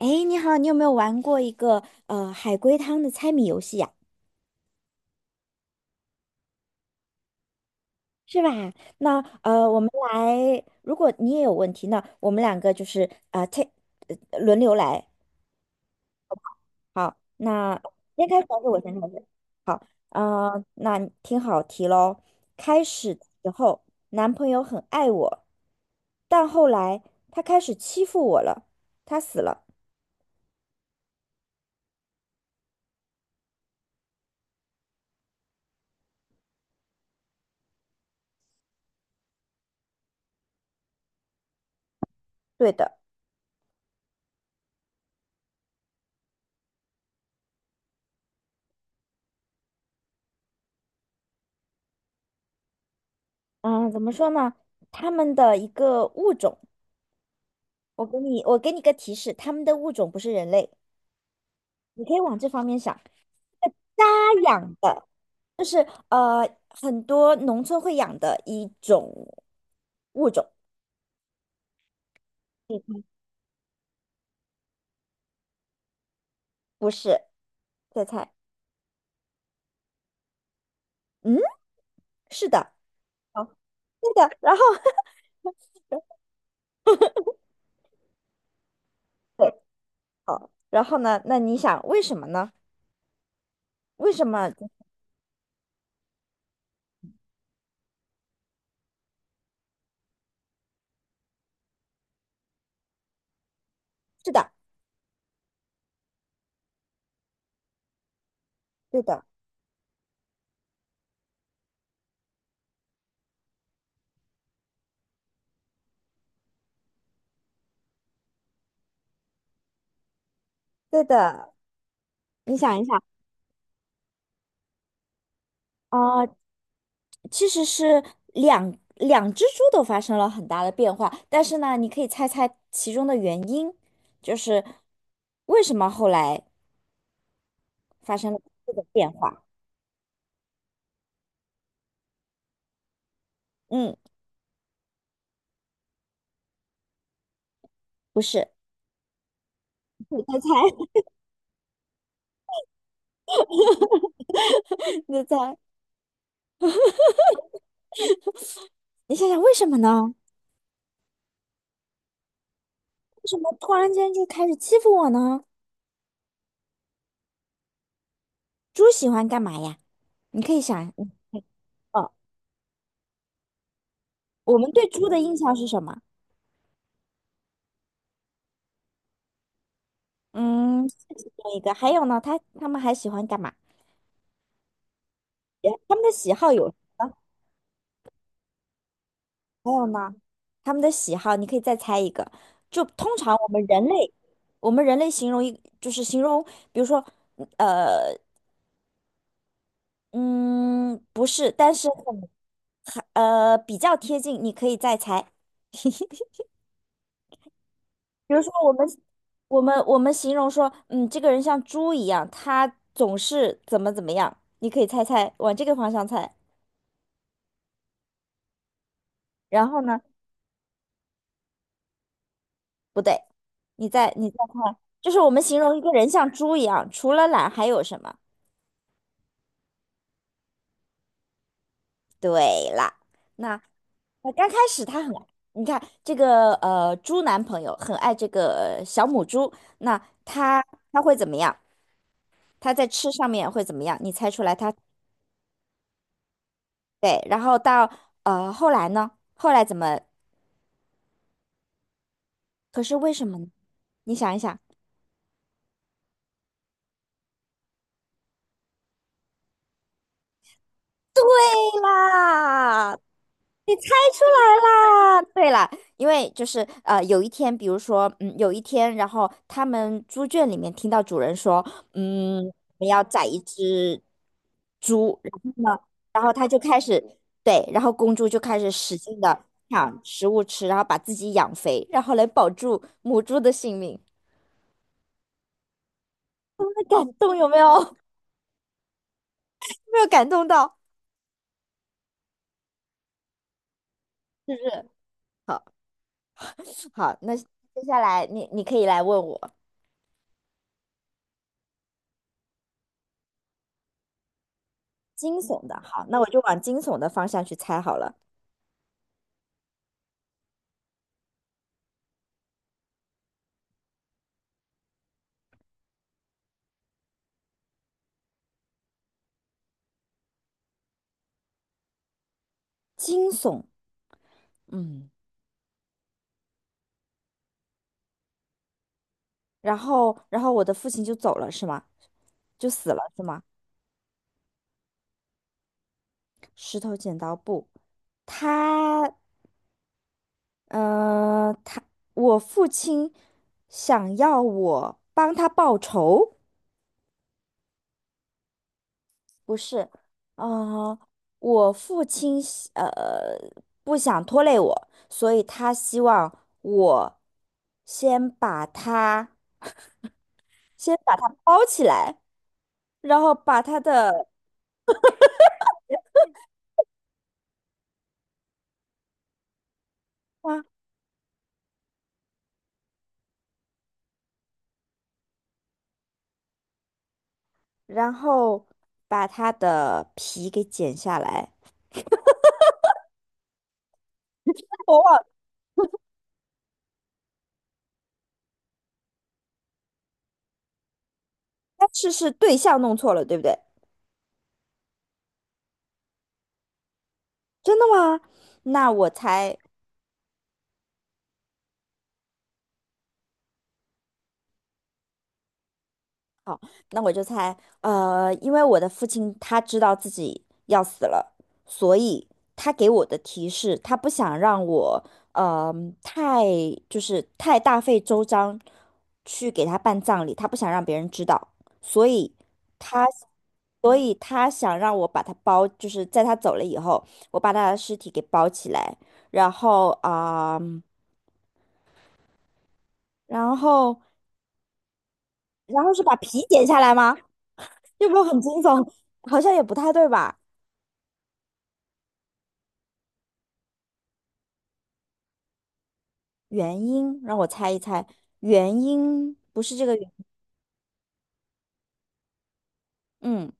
哎，你好，你有没有玩过一个海龟汤的猜谜游戏呀、是吧？那我们来，如果你也有问题，那我们两个轮流来。好，那先开始还是我先开始？那听好题喽。开始的时候，男朋友很爱我，但后来他开始欺负我了，他死了。对的，嗯、怎么说呢？他们的一个物种。我给你个提示，他们的物种不是人类，你可以往这方面想。家养的，就是很多农村会养的一种物种，不是？再猜，嗯，是的，好，对的。然后，对，好，然后呢？那你想为什么呢？为什么？是的，对的，对的。你想一想，啊、其实是两只猪都发生了很大的变化，但是呢，你可以猜猜其中的原因，就是为什么后来发生了这个变化？嗯，不是，你猜猜，你再猜，你想想为什么呢？为什么突然间就开始欺负我呢？猪喜欢干嘛呀？你可以想，嗯，哦，我们对猪的印象是什么？嗯，是其中一个，还有呢，它们还喜欢干嘛？它们的喜好有什么？还有呢，他们的喜好，你可以再猜一个。就通常我们人类，我们人类形容一就是形容，比如说，呃，嗯，不是，但是很，很比较贴近，你可以再猜。比如说，我们形容说，嗯，这个人像猪一样，他总是怎么怎么样，你可以猜猜，往这个方向猜。然后呢，不对，你再看，就是我们形容一个人像猪一样，除了懒还有什么？对啦，那刚开始他很，你看这个猪男朋友很爱这个小母猪，那他他会怎么样？他在吃上面会怎么样？你猜出来他对，然后到后来呢？后来怎么？可是为什么呢？你想一想，对啦，出来啦，对啦，因为就是有一天，比如说，嗯，有一天，然后他们猪圈里面听到主人说，嗯，我们要宰一只猪，然后呢，然后他就开始，对，然后公猪就开始使劲的抢食物吃，然后把自己养肥，然后来保住母猪的性命。那感动有没有？有没有感动到，是不是？好，好，那接下来你可以来问我惊悚的，好，那我就往惊悚的方向去猜好了。惊悚，嗯，然后我的父亲就走了是吗？就死了是吗？石头剪刀布，他，嗯，他，我父亲想要我帮他报仇，不是，嗯，我父亲不想拖累我，所以他希望我先把他 先把他包起来，然后把他的。然后把它的皮给剪下来。我忘了，但是是对象弄错了，对不对？真的吗？那我猜，好，那我就猜，呃，因为我的父亲他知道自己要死了，所以他给我的提示，他不想让我，呃，太就是太大费周章去给他办葬礼，他不想让别人知道，所以。他。所以他想让我把他包，就是在他走了以后，我把他的尸体给包起来，然后啊、然后然后是把皮剪下来吗？这不是很惊悚？好像也不太对吧？原因让我猜一猜，原因不是这个原，嗯，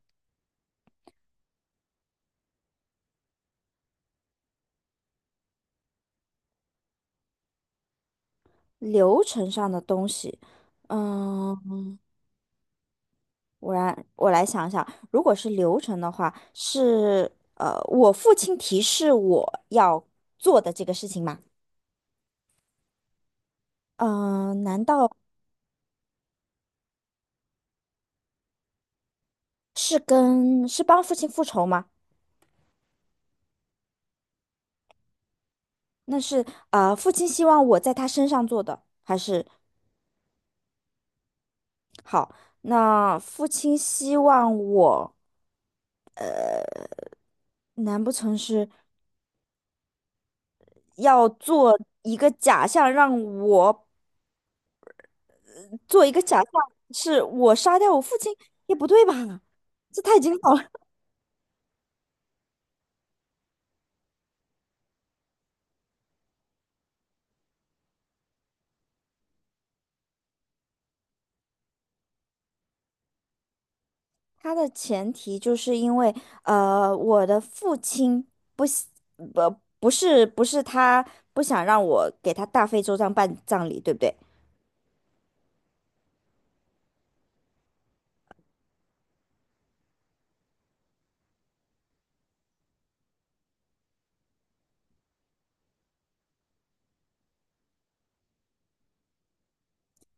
流程上的东西，嗯，我来想想，如果是流程的话，是呃，我父亲提示我要做的这个事情吗？嗯、呃难道？是跟是帮父亲复仇吗？那是呃，父亲希望我在他身上做的，还是好？那父亲希望我，难不成是要做一个假象，让我做一个假象，是我杀掉我父亲？也不对吧？这太惊悚了。他的前提就是因为呃，我的父亲不喜不不是不是他不想让我给他大费周章办葬礼，对不对？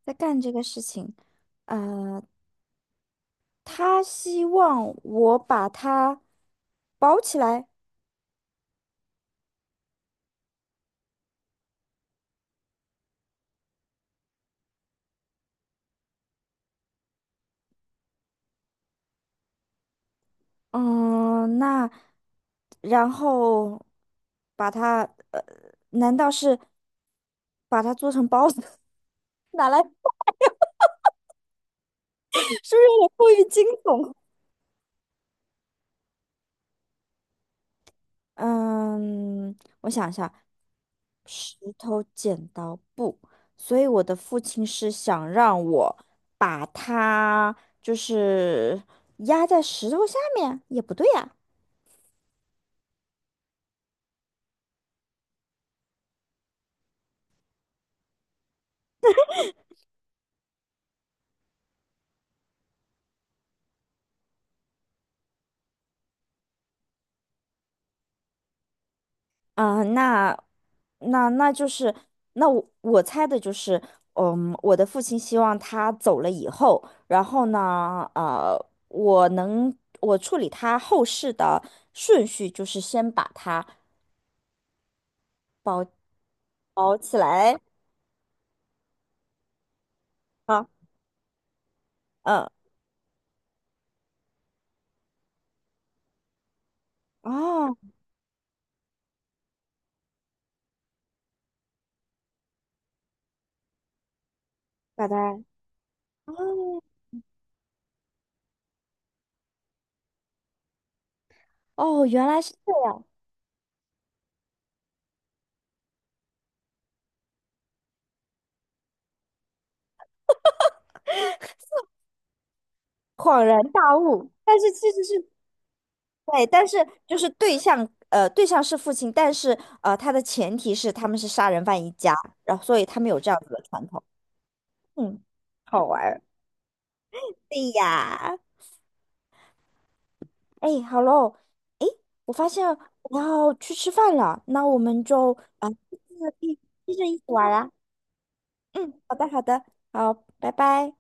在干这个事情，呃，他希望我把它包起来，嗯，那然后把它，呃，难道是把它做成包子 拿来，是不是有点过于惊悚？嗯，我想一下，石头剪刀布，所以我的父亲是想让我把它就是压在石头下面，也不对呀、啊，那那就是那我我猜的就是，嗯，我的父亲希望他走了以后，然后呢，呃，我能我处理他后事的顺序就是先把他包包起来啊，嗯，哦，拜拜，哦哦，原来是这样。恍然大悟，但是其实是对，但是就是对象，呃，对象是父亲，但是呃，他的前提是他们是杀人犯一家，然后所以他们有这样子的传统。嗯，好玩儿。对呀，哎，好喽，哎，我发现我要去吃饭了，那我们就啊，呃接着一接着一起玩啊，嗯，好的，好的，好，拜拜。